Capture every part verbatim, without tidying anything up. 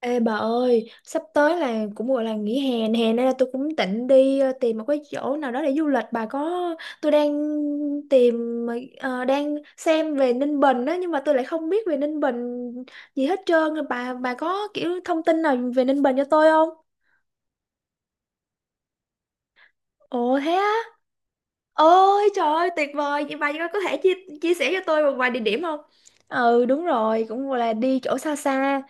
Ê bà ơi, sắp tới là cũng gọi là nghỉ hè nè, hè nên là tôi cũng định đi ờ, tìm một cái chỗ nào đó để du lịch. Bà có, tôi đang tìm, ờ, ờ, đang xem về Ninh Bình đó, nhưng mà tôi lại không biết về Ninh Bình gì hết trơn. Bà bà có kiểu thông tin nào về Ninh Bình cho tôi không? Ồ thế á, ôi trời ơi tuyệt vời, vậy bà có thể chia, chia sẻ cho tôi một vài địa điểm không? Ừ đúng rồi, cũng gọi là đi chỗ xa xa.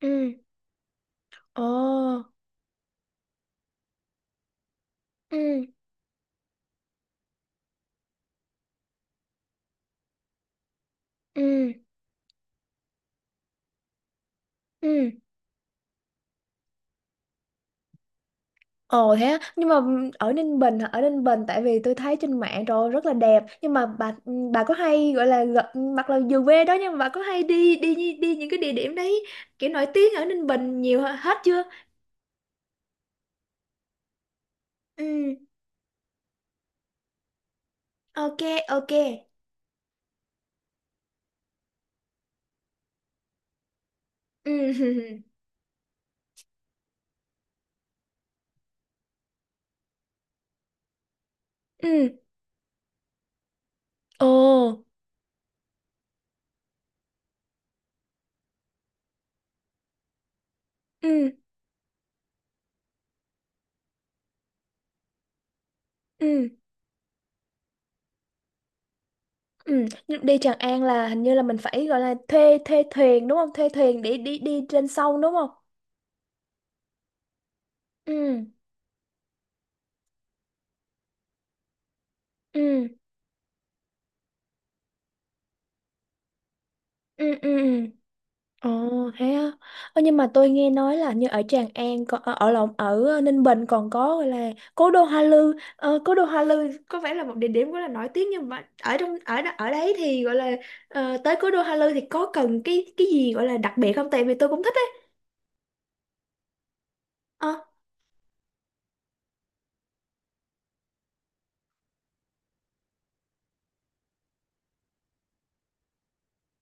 Ừ, ồ, ừ, ừ, ừ. Ồ thế á, nhưng mà ở Ninh Bình hả? Ở Ninh Bình, tại vì tôi thấy trên mạng rồi rất là đẹp, nhưng mà bà bà có hay gọi là gặp, mặc là dù quê đó nhưng mà bà có hay đi đi đi, đi những cái địa điểm đấy kiểu nổi tiếng ở Ninh Bình nhiều hả- hết chưa? Ừ, ok, ok. Ừ, ừ, ồ, ừ, ừ, ừ. Nhưng đi Tràng An là hình như là mình phải gọi là thuê thuê thuyền đúng không? Thuê thuyền để đi đi trên sông đúng không? Ừ, ừ, ừ, ừ. Ừ. Ồ thế á. Ơ, nhưng mà tôi nghe nói là như ở Tràng An, còn ở ở lộn, ở ờ, Ninh Bình còn có gọi là cố đô Hoa Lư. Ờ, cố đô Hoa Lư có vẻ là một địa điểm rất là nổi tiếng, nhưng mà ở trong ở đó- ở đấy thì gọi là, ờ, tới cố đô Hoa Lư thì có cần cái cái gì gọi là đặc biệt không? Tại vì tôi cũng thích ấy. Ờ.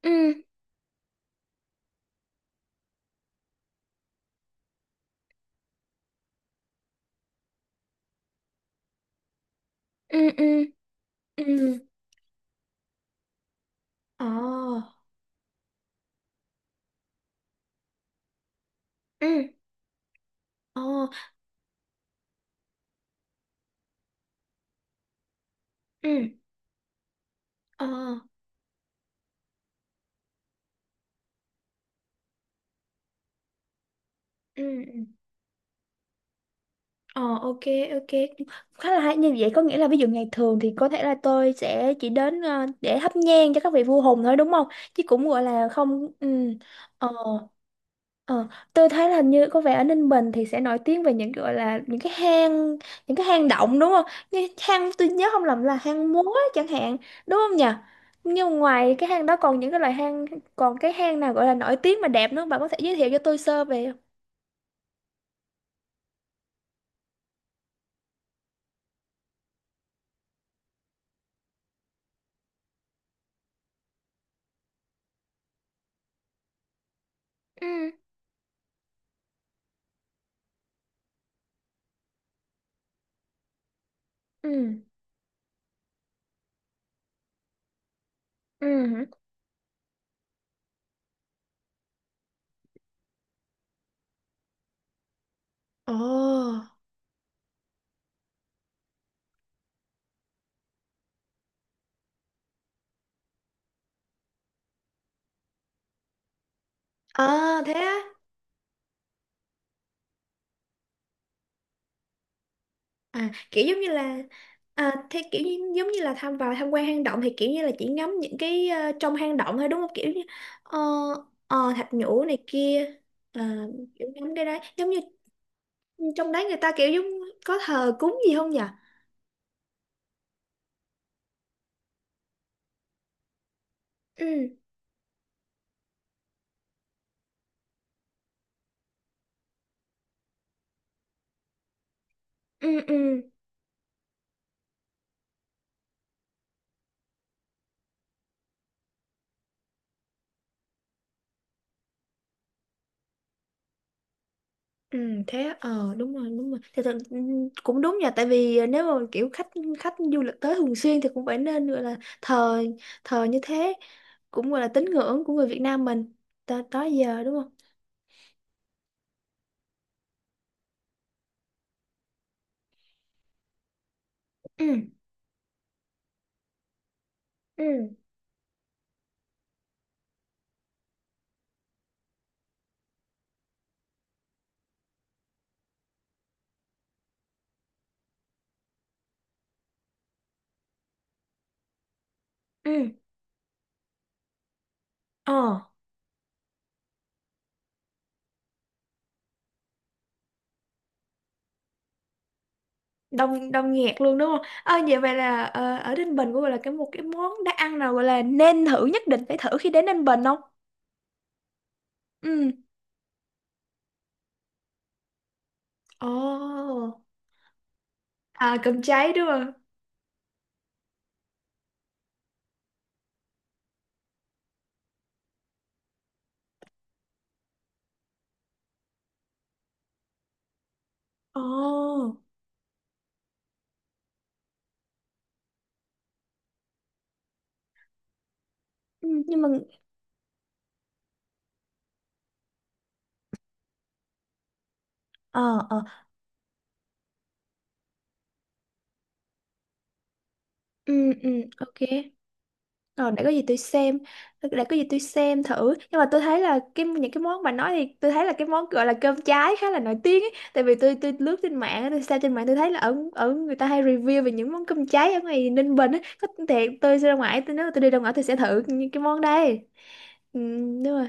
Ừ, ừ, ừ, ừ. Ờ. Ừ. Ờ. Ừ. Ờ. Ừ. Ờ, ok, ok. Cũng khá là hay. Như vậy có nghĩa là ví dụ ngày thường thì có thể là tôi sẽ chỉ đến, ờ, để thắp nhang cho các vị vua Hùng thôi đúng không, chứ cũng gọi là không. Ừ. ờ ờ tôi thấy là như có vẻ ở Ninh Bình thì sẽ nổi tiếng về những gọi là những cái hang những cái hang động đúng không, như hang, tôi nhớ không lầm, là Hang Múa chẳng hạn, đúng không nhỉ? Nhưng ngoài cái hang đó còn những cái loại hang, còn cái hang nào gọi là nổi tiếng mà đẹp nữa không? Bạn có thể giới thiệu cho tôi sơ về không? Ừ. Ừ. Ừ. Ồ. Ờ thế á. À, kiểu giống như là, à, thế kiểu như, giống như là tham vào tham quan hang động thì kiểu như là chỉ ngắm những cái, ờ, trong hang động thôi đúng không, kiểu như, ờ, ờ, thạch nhũ này kia. Ờ, kiểu ngắm cái đấy giống như trong đấy người ta kiểu giống, có thờ cúng gì không nhỉ? Ừ, ừ, ừ. Ừ, thế á, ờ, đúng rồi, đúng rồi, thì thật, ừ, cũng đúng nha. Tại vì nếu mà kiểu khách khách du lịch tới thường xuyên thì cũng phải nên gọi là thờ thờ như thế, cũng gọi là tín ngưỡng của người Việt Nam mình tới tới giờ đúng không? Ừ, ừ, ừ, ờ, đông, đông nghẹt luôn đúng không? Ờ vậy, vậy là, ờ, ở Ninh Bình cũng gọi là cái, một cái món đã ăn nào gọi là nên thử, nhất định phải thử khi đến Ninh Bình không? Ừ. Ồ. À, cơm cháy đúng không? Ồ. Ừ, nhưng mà. Ờ, ờ. Ừ, ừ, ok. Rồi, để có gì tôi xem, để có gì tôi xem thử. Nhưng mà tôi thấy là cái những cái món bà nói thì tôi thấy là cái món gọi là cơm cháy khá là nổi tiếng ấy. Tại vì tôi tôi lướt trên mạng, tôi xem trên mạng, tôi thấy là ở ở người ta hay review về những món cơm cháy ở ngoài Ninh Bình ấy. Có thiệt tôi ra ngoài, tôi, nếu mà tôi đi ra ngoài, tôi sẽ thử những cái món đây. Ừ, đúng rồi.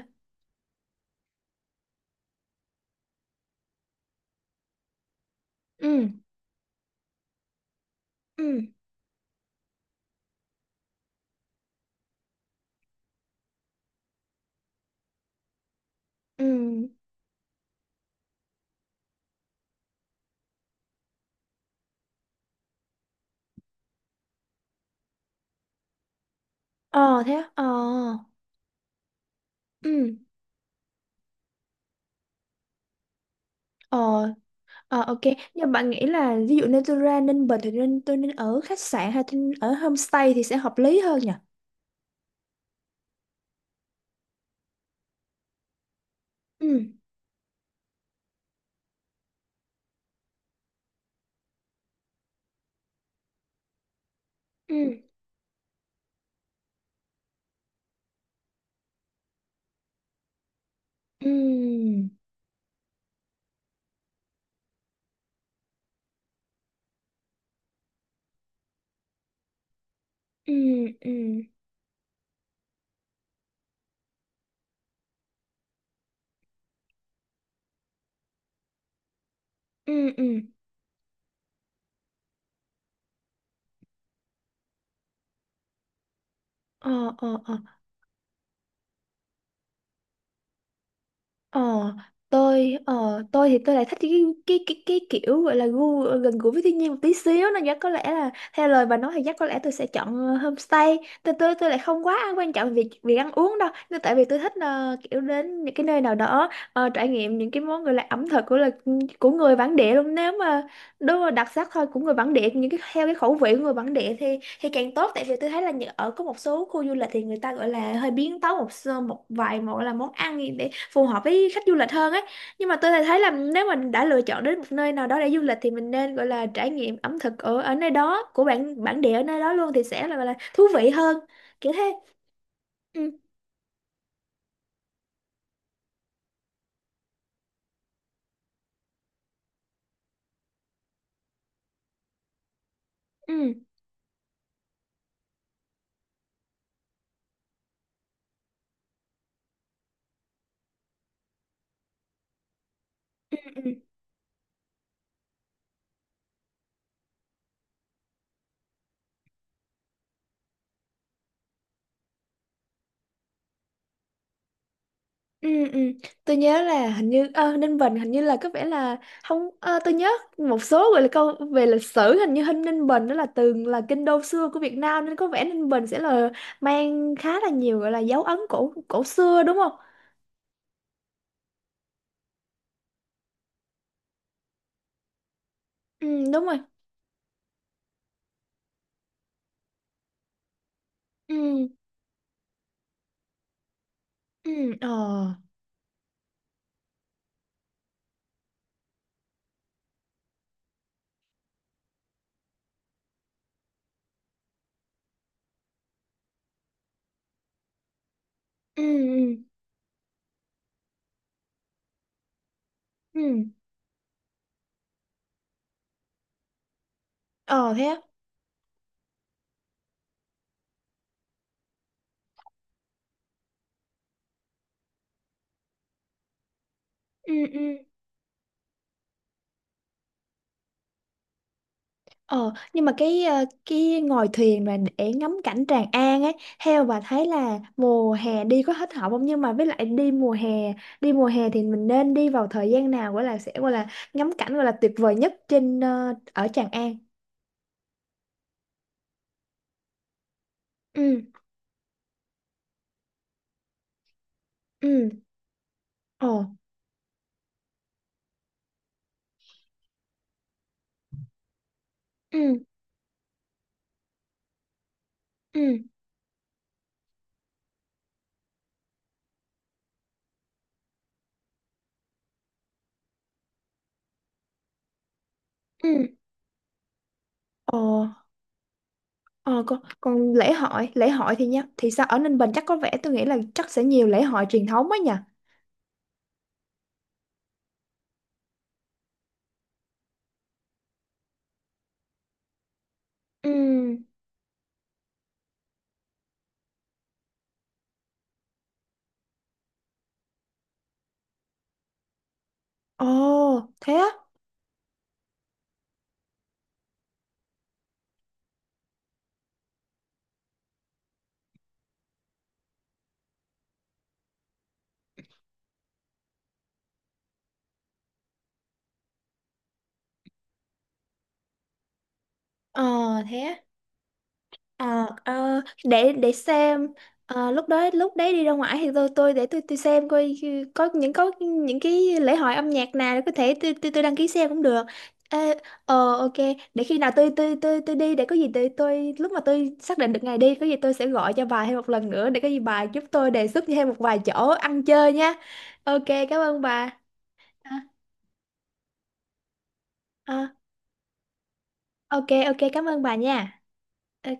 Ừ, ừ, ừ. Ờ thế, á? Ờ. Ừ. Ờ, ờ, ok, nhưng bạn nghĩ là ví dụ Natura Ninh Bình thì nên, tôi nên ở khách sạn hay tôi nên ở homestay thì sẽ hợp lý hơn nhỉ? Ừ, ừ, ừ, ừ, ừ, ừ, ừ. Ờ, ờ, ờ. Ờ, tôi ờ, tôi thì tôi lại thích cái, cái cái cái kiểu gọi là gu, ờ, gần gũi với thiên nhiên một tí xíu, nên chắc có lẽ là theo lời bà nói thì chắc có lẽ tôi sẽ chọn, ờ, homestay. Tôi tôi tôi lại không quá quan trọng việc việc ăn uống đâu. Nên tại vì tôi thích, ờ, kiểu đến những cái nơi nào đó, ờ, trải nghiệm những cái món gọi là ẩm thực của là của người bản địa luôn. Nếu mà, đúng rồi, đặc sắc thôi, của người bản địa, những cái theo cái khẩu vị của người bản địa thì thì càng tốt. Tại vì tôi thấy là nhờ- ở có một số khu du lịch thì người ta gọi là hơi biến tấu một sơ- một vài, một là món ăn gì để phù hợp với khách du lịch hơn ấy. Nhưng mà tôi lại thấy là nếu mình đã lựa chọn đến một nơi nào đó để du lịch thì mình nên gọi là trải nghiệm ẩm thực ở ở nơi đó, của bản bản địa ở nơi đó luôn, thì sẽ là, là thú vị hơn, kiểu thế. Ừ, ừ, ừ, ừ. Ừ, ừ. Tôi nhớ là hình như, ờ, Ninh Bình hình như là có vẻ là không, ờ, tôi nhớ một số gọi là câu về lịch sử, hình như hình Ninh Bình đó là từng là kinh đô xưa của Việt Nam, nên có vẻ Ninh Bình sẽ là mang khá là nhiều gọi là dấu ấn cổ, cổ xưa đúng không? Ừ đúng rồi. Ừ, ừ, ờ, ừ, ừ, ừ, ờ thế á. Ừ, ừ. Ờ, nhưng mà cái ờ, cái ngồi thuyền mà để ngắm cảnh Tràng An ấy, theo bà thấy là mùa hè đi có hết hợp không? Nhưng mà với lại đi mùa hè, đi mùa hè thì mình nên đi vào thời gian nào gọi là sẽ gọi là ngắm cảnh gọi là tuyệt vời nhất trên, ờ, ở Tràng An. Ừ, ừ, ồ, ừ, ừ, ừ, ồ, ờ, còn, còn lễ hội, lễ hội thì nhá, thì sao ở Ninh Bình, chắc có vẻ tôi nghĩ là chắc sẽ nhiều lễ hội truyền thống ấy nhỉ? Ừ, ồ, thế á? Ờ, thế á. Ờ, ờ, để để xem. Ờ, lúc đó lúc đấy đi ra ngoài thì tôi tôi để tôi tôi xem coi có những có những cái lễ hội âm nhạc nào để có thể tôi tôi, tôi đăng ký xem cũng được. Ê, ờ ok, để khi nào tôi tôi tôi tôi đi, để có gì tôi tôi lúc mà tôi xác định được ngày đi, có gì tôi sẽ gọi cho bà thêm một lần nữa, để có gì bà giúp tôi đề xuất thêm một vài chỗ ăn chơi nha. Ok, cảm ơn bà. À, à, ok, ok, cảm ơn bà nha. Ok.